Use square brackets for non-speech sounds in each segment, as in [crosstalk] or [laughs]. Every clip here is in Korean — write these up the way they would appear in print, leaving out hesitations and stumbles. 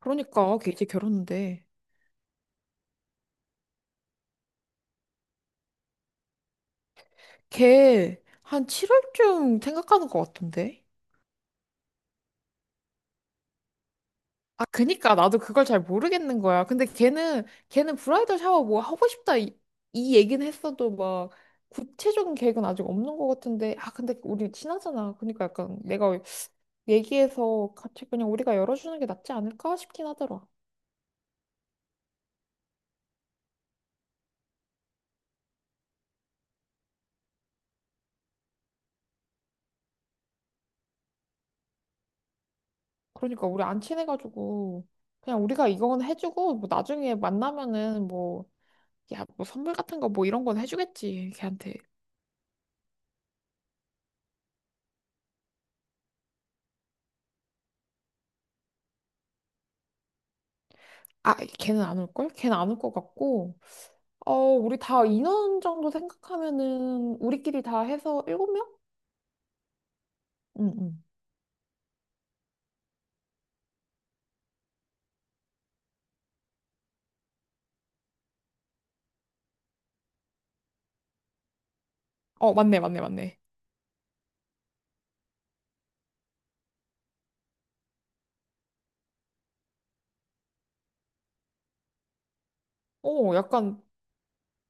그러니까 걔 이제 결혼인데, 걔 한 7월쯤 생각하는 것 같은데. 아, 그니까 나도 그걸 잘 모르겠는 거야. 근데 걔는 브라이덜 샤워 뭐 하고 싶다 이 얘기는 했어도 막 구체적인 계획은 아직 없는 것 같은데. 아, 근데 우리 친하잖아. 그러니까 약간 내가 얘기해서 같이 그냥 우리가 열어주는 게 낫지 않을까 싶긴 하더라. 그러니까 우리 안 친해가지고 그냥 우리가 이건 해주고 뭐 나중에 만나면은 뭐. 야, 뭐 선물 같은 거 뭐 이런 건 해주겠지, 걔한테. 아, 걔는 안 올걸? 걔는 안 올 것 같고. 어, 우리 다 인원 정도 생각하면은 우리끼리 다 해서 일곱 명. 응, 응. 어, 맞네, 맞네, 맞네. 어, 약간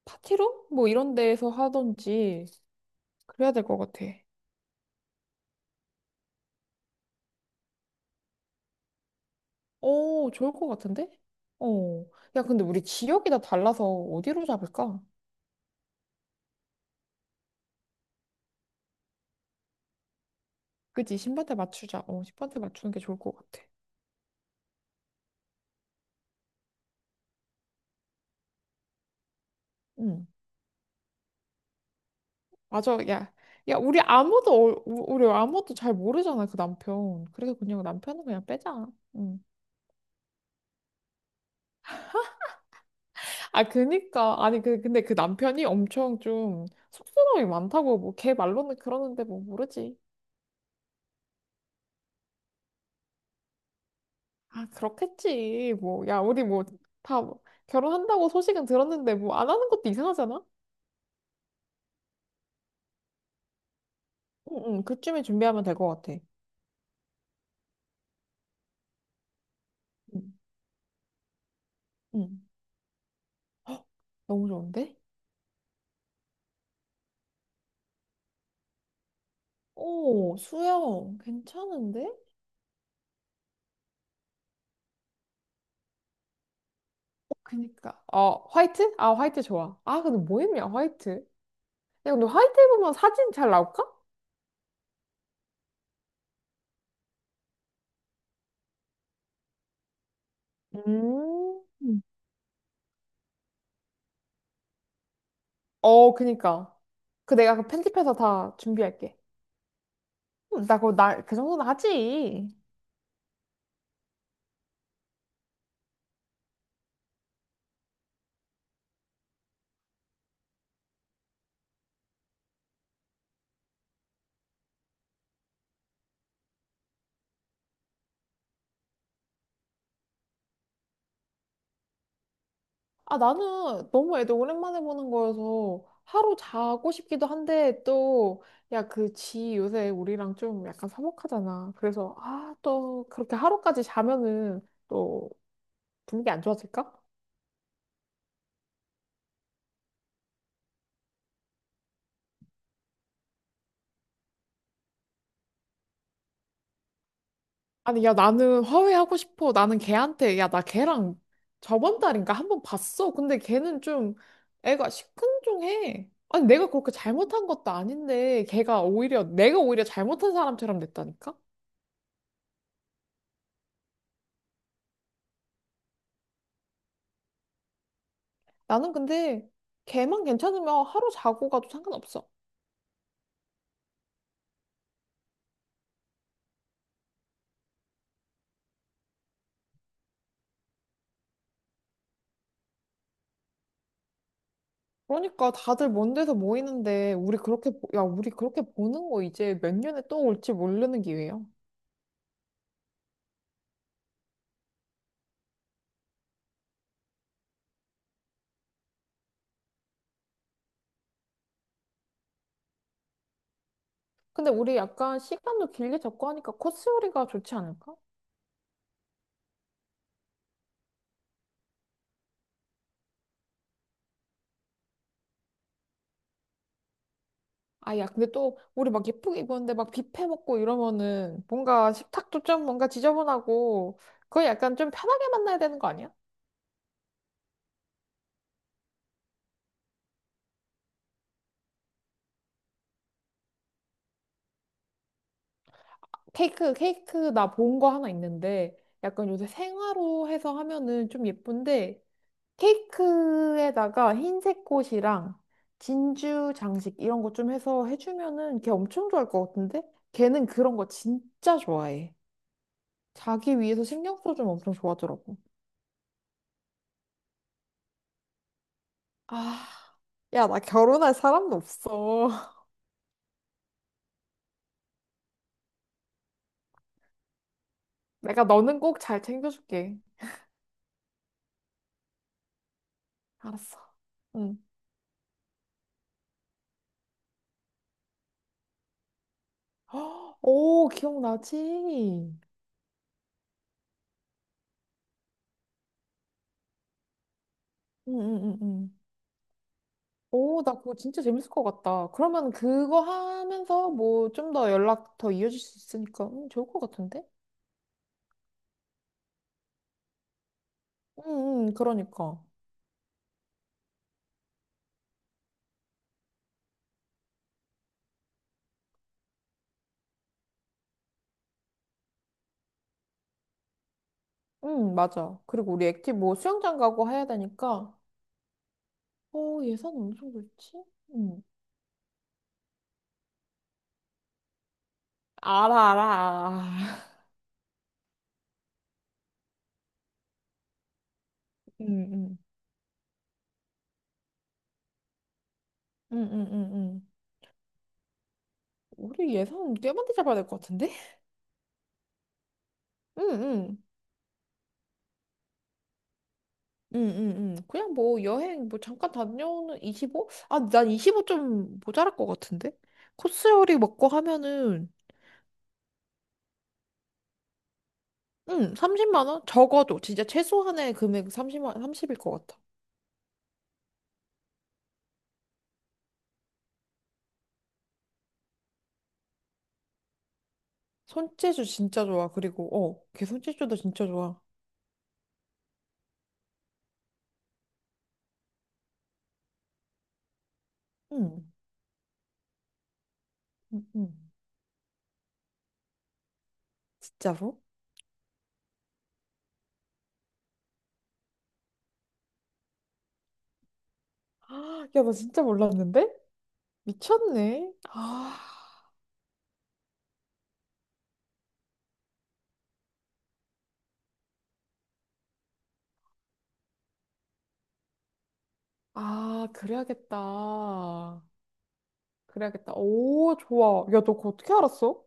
파티룸? 뭐 이런 데에서 하던지 그래야 될 것 같아. 어, 좋을 것 같은데? 어. 야, 근데 우리 지역이 다 달라서 어디로 잡을까? 그지? 신반대 맞추자. 어, 신반대 맞추는 게 좋을 것 같아. 응. 맞아. 야, 야, 우리 아무도 잘 모르잖아, 그 남편. 그래서 그냥 남편은 그냥 빼자. 응. 아, 그니까. 아니, 그, 근데 그 남편이 엄청 좀 쑥스러움이 많다고, 뭐, 걔 말로는 그러는데 뭐, 모르지. 아, 그렇겠지. 뭐, 야, 우리 뭐, 다 결혼한다고 소식은 들었는데 뭐, 안 하는 것도 이상하잖아? 응, 응, 그쯤에 준비하면 될 것 같아. 응. 응. 헉, 너무 좋은데? 오, 수영, 괜찮은데? 그니까. 어, 화이트? 아, 화이트 좋아. 아, 근데 뭐 입냐, 화이트? 야, 근데 화이트 입으면 사진 잘 나올까? 음. 어, 그니까. 그 내가 그 편집해서 다 준비할게. 그 정도는 하지. 아, 나는 너무 애들 오랜만에 보는 거여서 하루 자고 싶기도 한데 또, 야, 그 지 요새 우리랑 좀 약간 서먹하잖아. 그래서, 아, 또 그렇게 하루까지 자면은 또 분위기 안 좋아질까? 아니, 야, 나는 화해하고 싶어. 나는 걔한테, 야, 나 걔랑 저번 달인가 한 번 봤어. 근데 걔는 좀 애가 시큰둥해. 아니, 내가 그렇게 잘못한 것도 아닌데, 걔가 오히려, 내가 오히려 잘못한 사람처럼 됐다니까? 나는 근데 걔만 괜찮으면 하루 자고 가도 상관없어. 그러니까 다들 먼 데서 모이는데, 야, 우리 그렇게 보는 거 이제 몇 년에 또 올지 모르는 기회야. 근데 우리 약간 시간도 길게 잡고 하니까 코스 요리가 좋지 않을까? 아, 야, 근데 또, 우리 막 예쁘게 입었는데 막 뷔페 먹고 이러면은 뭔가 식탁도 좀 뭔가 지저분하고, 그거 약간 좀 편하게 만나야 되는 거 아니야? 케이크 나 본 거 하나 있는데, 약간 요새 생화로 해서 하면은 좀 예쁜데, 케이크에다가 흰색 꽃이랑 진주 장식 이런 거 좀 해서 해주면은 걔 엄청 좋아할 것 같은데? 걔는 그런 거 진짜 좋아해. 자기 위해서 신경 써주면 엄청 좋아하더라고. 아, 야, 나 결혼할 사람도 없어. 내가 너는 꼭 잘 챙겨줄게. 알았어. 응. [gasps] 오, 기억나지? 응, 응, 응, 응. 오, 나 그거 진짜 재밌을 것 같다. 그러면 그거 하면서 뭐 좀 더 연락 더 이어질 수 있으니까 좋을 것 같은데? 응, 응, 그러니까. 응, 맞아. 그리고 우리 액티브 뭐 수영장 가고 해야 되니까. 오, 예산 어느 정도 있지? 응. 알아, 알아, 알아. [laughs] 응, 응. 응, 응, 응, 응. 우리 예산 꽤 많이 잡아야 될 것 같은데? 응, 응. 응, 응, 응. 그냥 뭐 여행 뭐 잠깐 다녀오는 25? 아, 난 25 좀 모자랄 것 같은데? 코스 요리 먹고 하면은, 응, 30만 원? 적어도 진짜 최소한의 금액 30만, 삼십일 것 같아. 손재주 진짜 좋아. 그리고, 어, 걔 손재주도 진짜 좋아. 응, 응, 응. 진짜로? [gasps] 아, 야, 나 진짜 몰랐는데? 미쳤네. [gasps] 아, 아, 그래야겠다. 그래야겠다. 오, 좋아. 야, 너 그거 어떻게 알았어?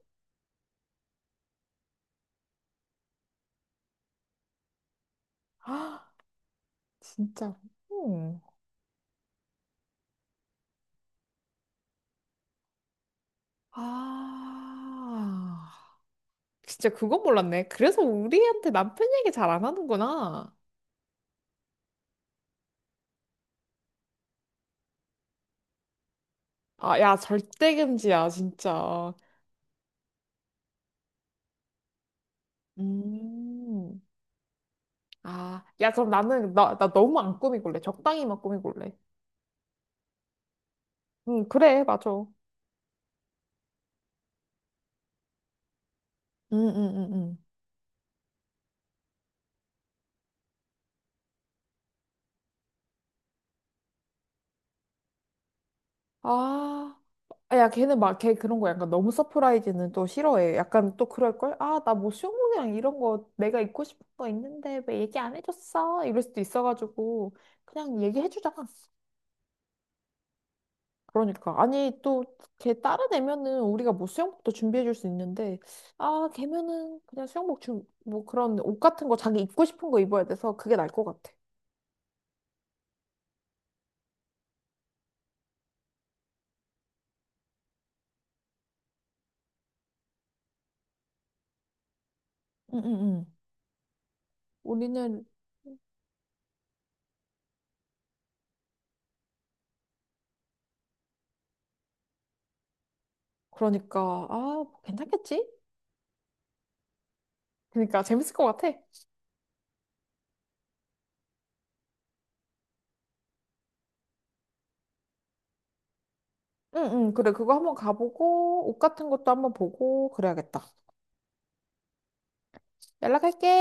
[gasps] 아, 진짜. 아, 진짜 그건 몰랐네. 그래서 우리한테 남편 얘기 잘 안 하는구나. 아, 야, 절대 금지야, 진짜. 음. 아, 야, 나 너무 안 꾸미길래. 적당히만 꾸미길래. 응, 그래, 맞아. 응, 응, 응, 응. 아, 아, 야, 걔는 막, 걔 그런 거 약간 너무 서프라이즈는 또 싫어해. 약간 또 그럴걸? 아, 나 뭐 수영복이랑 이런 거 내가 입고 싶은 거 있는데 왜 얘기 안 해줬어? 이럴 수도 있어가지고. 그냥 얘기해주자. 그러니까 아니 또 걔 다른 애면은 우리가 뭐 수영복도 준비해 줄 수 있는데 아 걔면은 그냥 수영복 좀뭐 그런 옷 같은 거 자기 입고 싶은 거 입어야 돼서 그게 나을 것 같아. 응, 응, 응. 우리는 그러니까 아 괜찮겠지? 그러니까 재밌을 것 같아. 응응 그래 그거 한번 가보고 옷 같은 것도 한번 보고 그래야겠다. 연락할게.